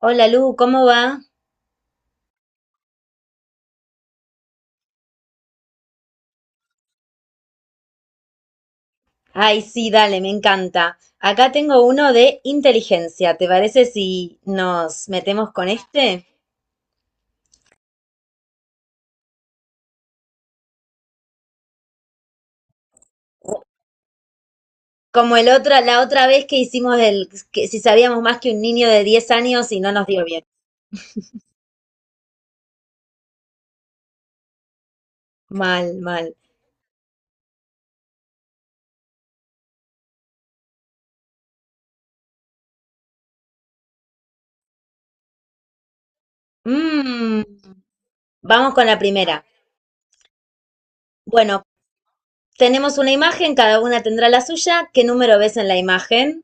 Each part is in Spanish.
Hola Lu, ¿cómo va? Ay, sí, dale, me encanta. Acá tengo uno de inteligencia. ¿Te parece si nos metemos con este? Como el otra, la otra vez que hicimos el, que si sabíamos más que un niño de 10 años y no nos dio bien. Mal, mal. Mm, Vamos con la primera. Bueno, tenemos una imagen, cada una tendrá la suya. ¿Qué número ves en la imagen?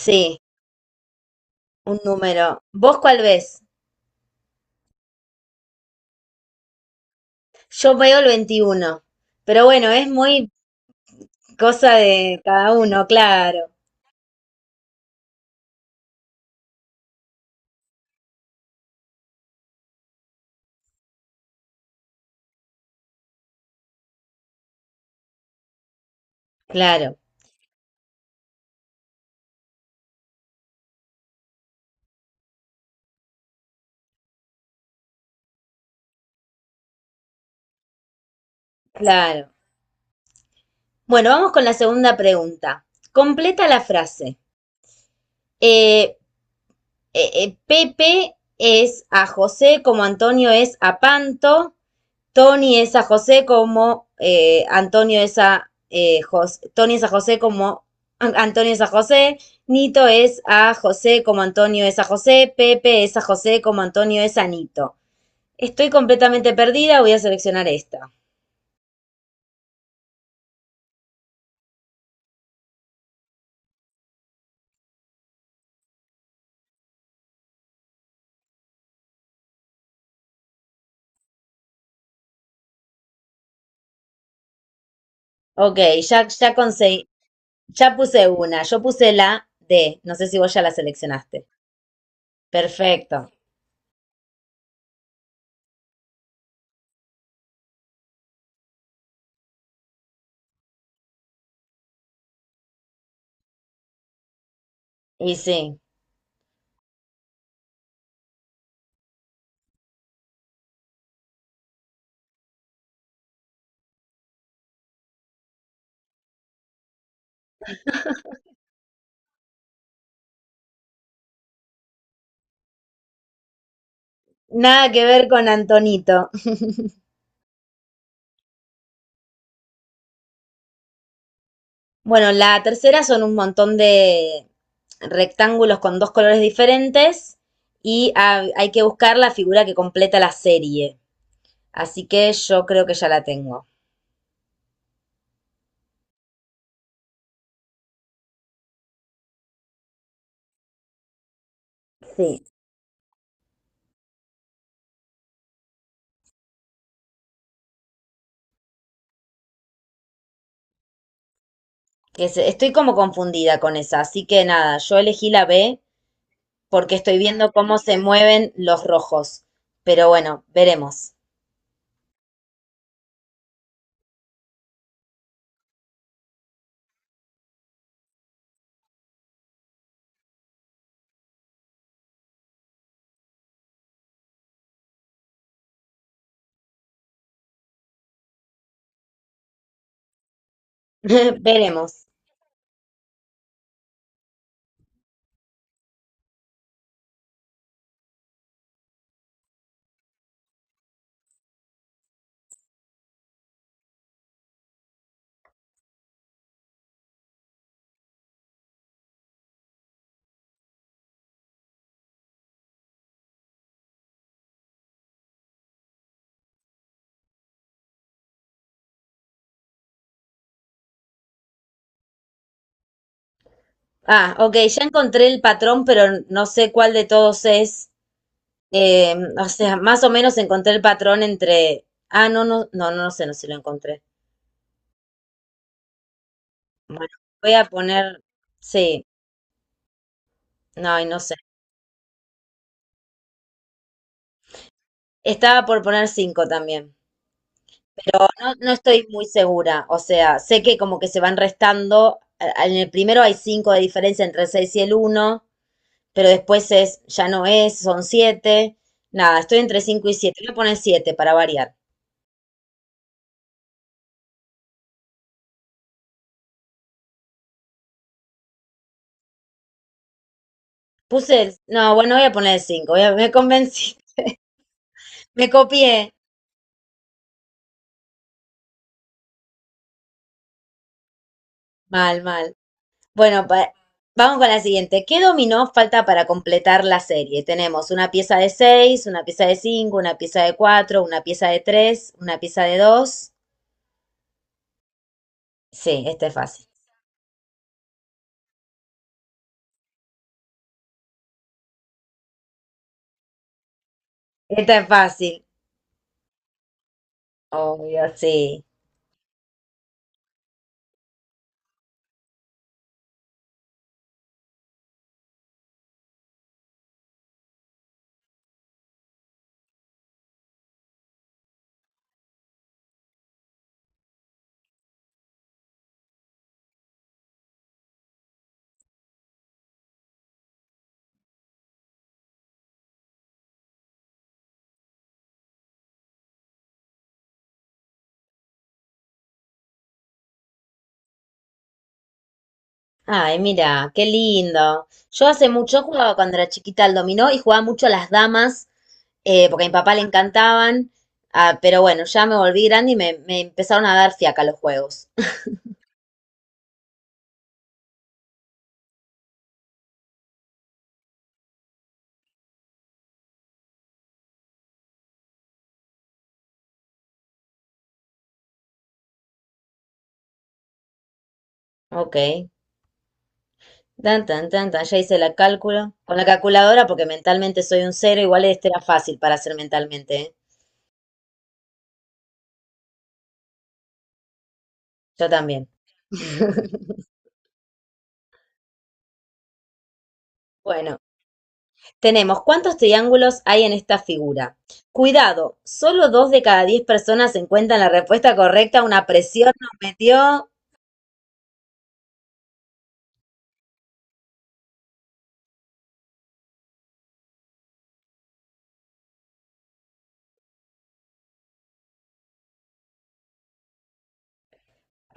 Sí, un número. ¿Vos cuál ves? Yo veo el 21. Pero bueno, es muy Cosa de cada uno, claro, claro, claro. Bueno, vamos con la segunda pregunta. Completa la frase. Eh, Pepe es a José como Antonio es a Panto. Tony es a José como Antonio es a Tony es a José como Antonio es a José. Nito es a José como Antonio es a José. Pepe es a José como Antonio es a Nito. Estoy completamente perdida, voy a seleccionar esta. Ok, ya conseguí, ya puse una, yo puse la D, no sé si vos ya la seleccionaste. Perfecto, y sí, nada que ver con Antonito. Bueno, la tercera son un montón de rectángulos con dos colores diferentes y hay que buscar la figura que completa la serie. Así que yo creo que ya la tengo. Sí. Estoy como confundida con esa, así que nada, yo elegí la B porque estoy viendo cómo se mueven los rojos. Pero bueno, veremos. Veremos. Ah, ok, ya encontré el patrón, pero no sé cuál de todos es. O sea, más o menos encontré el patrón entre. Ah, no, no, no, no no sé, no sé si lo encontré. Bueno, voy a poner. Sí, no, y no sé. Estaba por poner cinco también. No, no estoy muy segura. O sea, sé que como que se van restando. En el primero hay cinco de diferencia entre el 6 y el uno. Pero después es, ya no es, son siete. Nada, estoy entre 5 y siete. Voy a poner 7 para variar. Puse el, no, bueno, voy a poner el 5. Me convencí, me copié. Mal, mal. Bueno, vamos con la siguiente. ¿Qué dominó falta para completar la serie? Tenemos una pieza de seis, una pieza de cinco, una pieza de cuatro, una pieza de tres, una pieza de dos. Sí, esta es fácil. Esta es fácil. Obvio, sí. Ay, mira, qué lindo. Yo hace mucho jugaba cuando era chiquita al dominó y jugaba mucho a las damas, porque a mi papá le encantaban. Ah, pero bueno, ya me volví grande y me empezaron a dar fiaca los juegos. Ok. Tan, tan, tan, tan. Ya hice el cálculo. Con la calculadora, porque mentalmente soy un cero, igual este era fácil para hacer mentalmente, ¿eh? Yo también. Bueno. Tenemos: ¿cuántos triángulos hay en esta figura? Cuidado, solo dos de cada 10 personas encuentran la respuesta correcta. Una presión nos metió.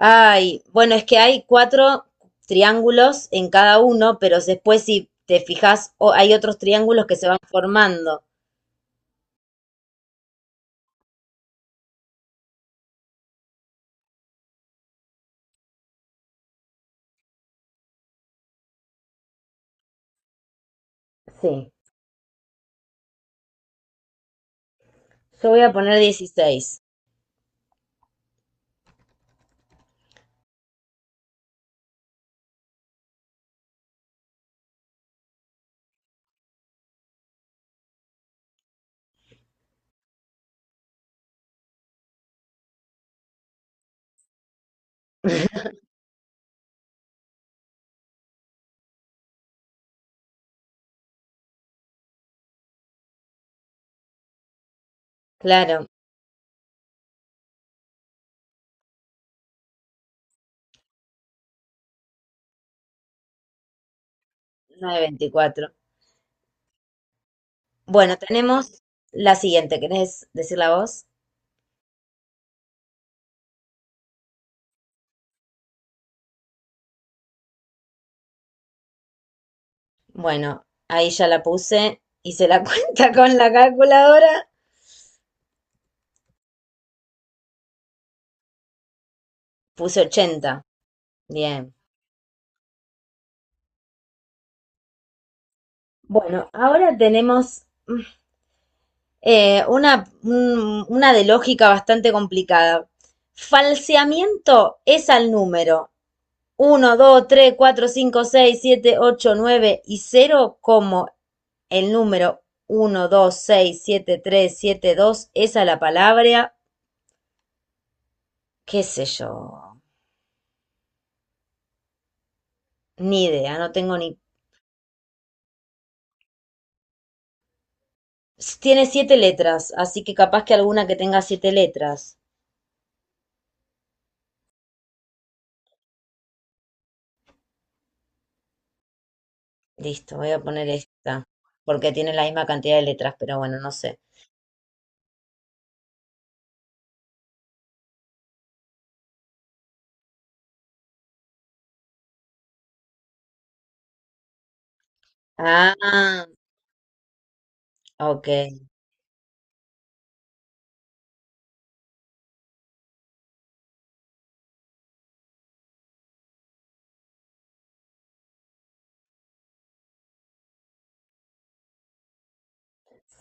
Ay, bueno, es que hay cuatro triángulos en cada uno, pero después si te fijas, hay otros triángulos que se van formando. Sí, yo voy a poner 16. Claro, no 9, 24. Bueno, tenemos la siguiente. ¿Querés decirla vos? Bueno, ahí ya la puse. Hice la cuenta con la calculadora. Puse 80. Bien. Bueno, ahora tenemos una de lógica bastante complicada. Falseamiento es al número uno, 2, 3, 4, 5, 6, 7, 8, 9 y cero como el número uno, dos, seis, siete, tres, siete, dos es a la palabra, qué sé yo, ni idea, no tengo ni... Tiene siete letras, así que capaz que alguna que tenga siete letras. Listo, voy a poner esta, porque tiene la misma cantidad de letras, pero bueno, no sé. Ah, ok.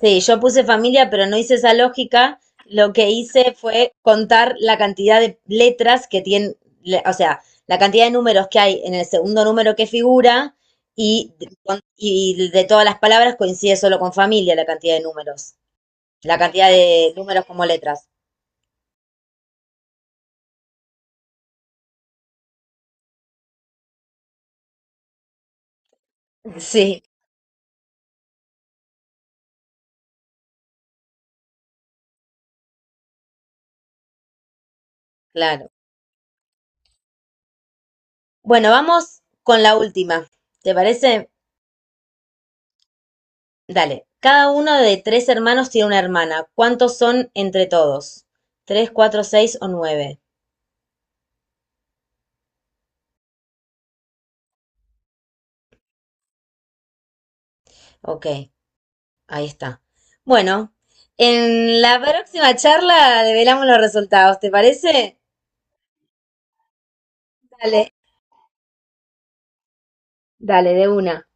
Sí, yo puse familia, pero no hice esa lógica. Lo que hice fue contar la cantidad de letras que tiene, o sea, la cantidad de números que hay en el segundo número que figura y de todas las palabras coincide solo con familia la cantidad de números, la cantidad de números como letras. Sí, claro. Bueno, vamos con la última. ¿Te parece? Dale. Cada uno de tres hermanos tiene una hermana. ¿Cuántos son entre todos? ¿Tres, cuatro, seis o nueve? Ok, ahí está. Bueno, en la próxima charla develamos los resultados, ¿te parece? Dale, dale, de una.